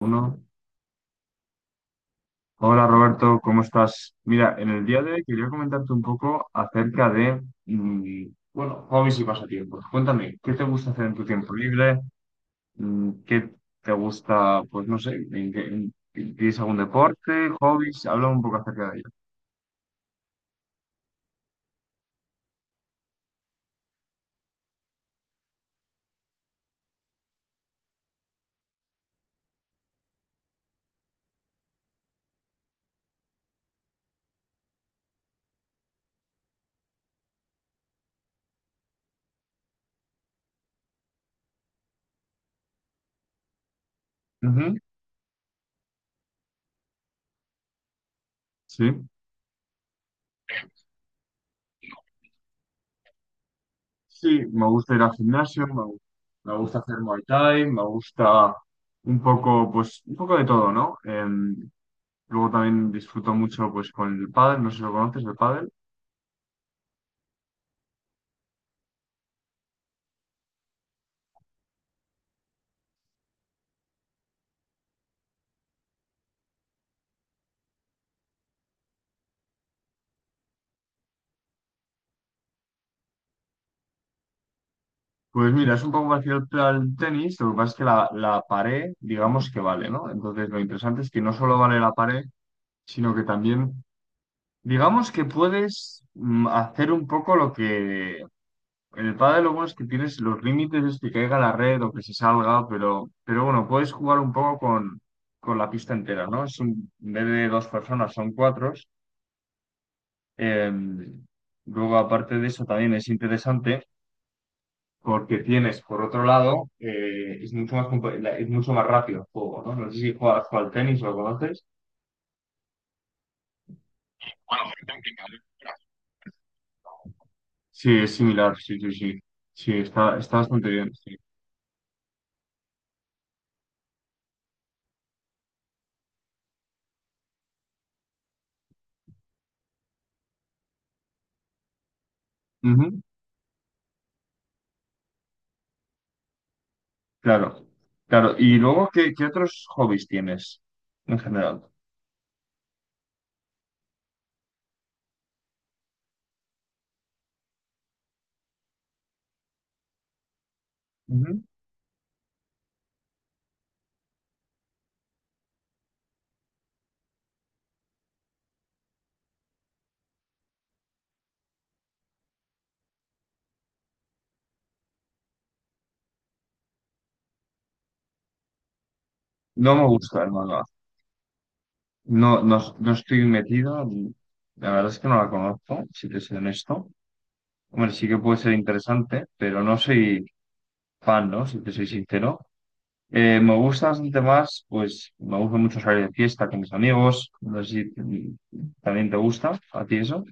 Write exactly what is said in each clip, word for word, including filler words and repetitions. Uno. Hola Roberto, ¿cómo estás? Mira, en el día de hoy quería comentarte un poco acerca de, mm, bueno, hobbies y pasatiempos. Cuéntame, ¿qué te gusta hacer en tu tiempo libre? Mm, ¿Qué te gusta, pues no sé, en qué- en- ¿tienes algún deporte, hobbies? Habla un poco acerca de ello. Ujú. Sí, sí, me gusta ir al gimnasio, me, gu- me gusta hacer Muay Thai, me gusta un poco, pues un poco de todo, ¿no? Em, luego también disfruto mucho, pues con el pádel, no sé si lo conoces, el pádel. Pues mira, es un poco parecido al al tenis, lo que pasa es que la, la pared, digamos que vale, ¿no? Entonces lo interesante es que no solo vale la pared, sino que también, digamos que puedes mm, hacer un poco lo que... En el pádel lo bueno es que tienes los límites, es que caiga la red o que se salga, pero, pero bueno, puedes jugar un poco con, con la pista entera, ¿no? Es un, en vez de dos personas, son cuatro. Em, luego, aparte de eso, también es interesante. Porque tienes, por otro lado, eh, es mucho más compe- la- es mucho más rápido el juego, ¿no? No sé si juegas, juegas al tenis o lo conoces. Bueno, es complicado. Sí, es similar, sí, sí, sí. Sí, está, está bastante bien, sí. Ujú. Claro, claro. Y luego, ¿qué, qué otros hobbies tienes en general? Ujú. No me gusta el manga. No, no, no estoy metido. La verdad es que no la conozco, si te soy honesto. Hombre, sí que puede ser interesante, pero no soy fan, ¿no? Si te soy sincero. Eh, me gusta bastante más, pues me gusta mucho salir de fiesta con mis amigos. No sé si t- también te gusta a ti eso.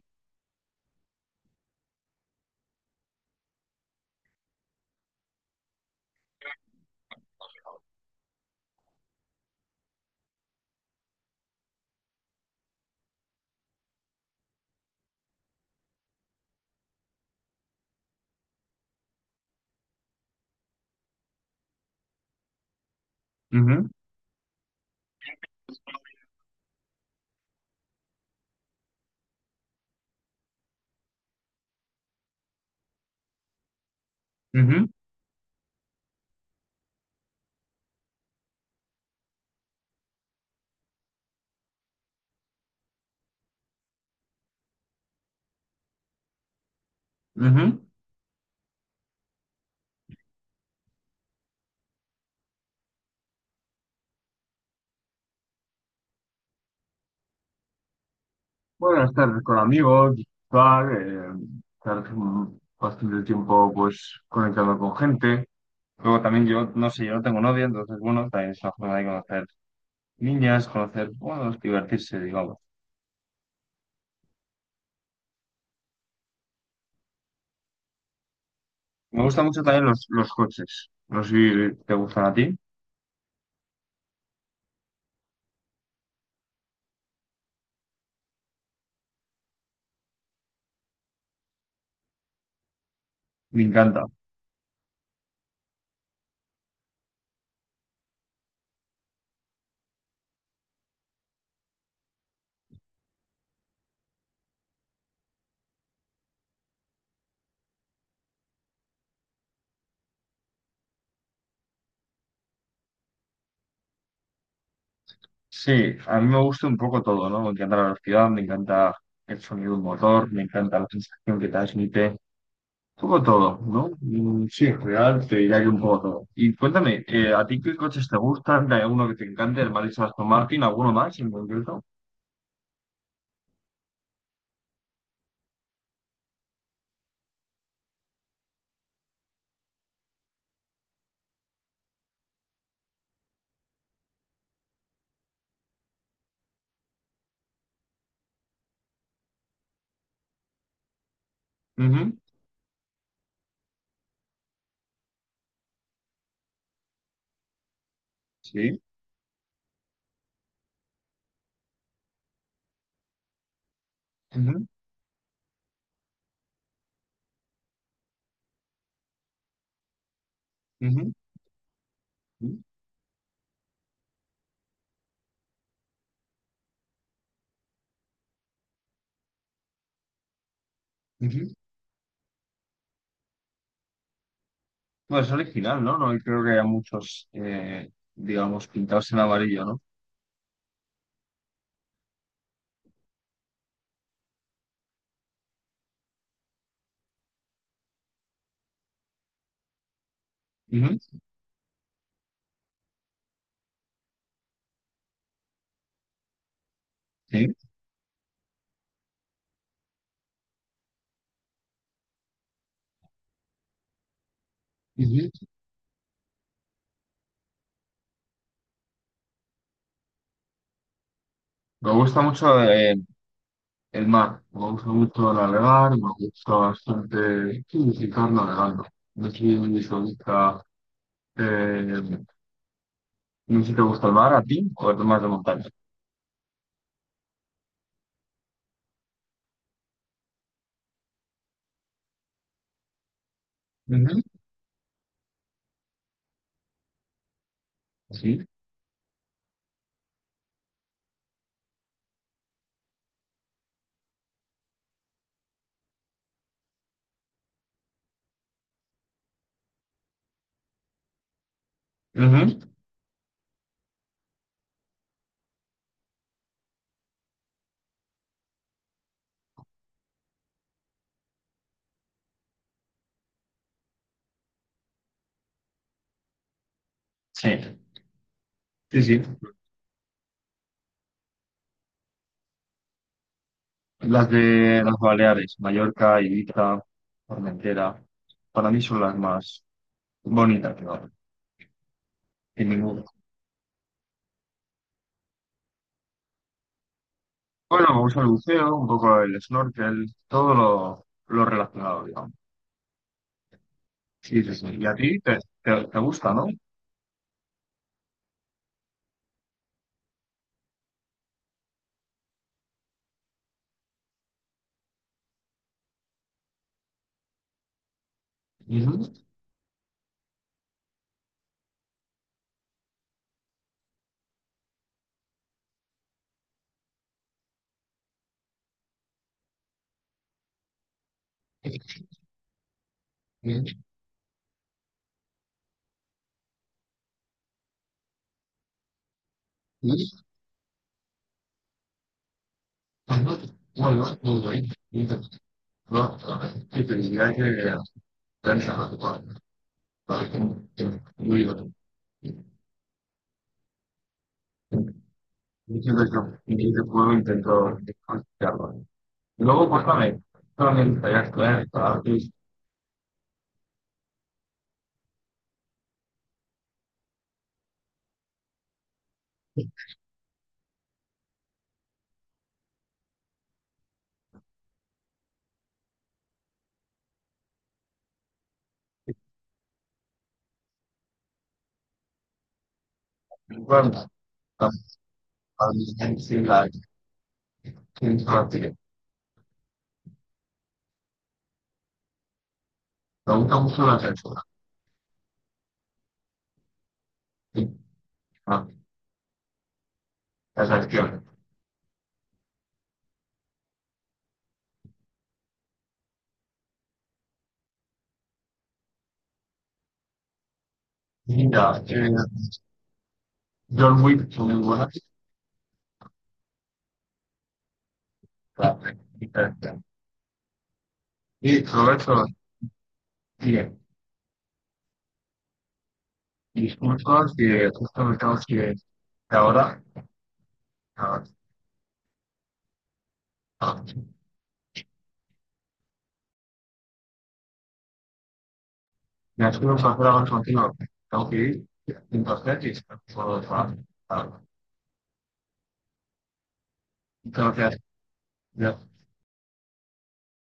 Ujú, ujú, ujú. Bueno, estar con amigos, disfrutar, eh, estar mm, bastante tiempo pues conectando con gente. Luego también yo, no sé, yo no tengo novia, entonces bueno, también es una forma de conocer niñas, conocer, bueno, divertirse, digamos. Me gustan mucho también los, los coches. No sé si te gustan a ti. Me encanta. Sí, a mí me gusta un poco todo, ¿no? Me encanta la velocidad, me encanta el sonido del motor, me encanta la sensación que transmite, un poco todo, ¿no? Mm, sí, en general te diría que un poco todo. Y cuéntame, eh, ¿a ti qué coches te gustan? ¿Hay alguno que te encante? ¿El Maris Aston Martin? ¿Alguno más en concreto? Ujú. Sí. Ujú, ujú, ujú, ujú. Bueno, es original, ¿no? No creo que haya muchos, eh, digamos, pintados en amarillo, ¿no? Ujú. Sí. Ujú. Me gusta mucho eh, El mar, me gusta mucho navegar, me gusta bastante sí, visitar navegando. No sé si te gusta, eh, no sé si te gusta el mar a ti o eres más de montaña. Ujú. Sí. Ujú. Sí, sí, sí. Las de las Baleares, Mallorca, Ibiza, Formentera, para mí son las más bonitas, claro, sin ninguna. Bueno, me gusta el buceo, un poco el snorkel, todo lo, lo relacionado, digamos. Sí, sí, sí. Y a ti te, te, te gusta, ¿no? Ujú. Y, y cuando vuelva, volveré y te va a que te dirá que pensa para que no iba. Diciendo eso, y ese pueblo intentó. Luego, pues también, también estaría claro para que cuando para mí es la gente me mucho la censura, las acciones. Linda, John Wick, muy buena, y Roberto, bien. Disculpa que justo me tengo que ir ahora. Ah, ah. Me ha sido un placer hablar contigo. Tengo que ir. Entonces, y espero que puedo trabajar. Ah,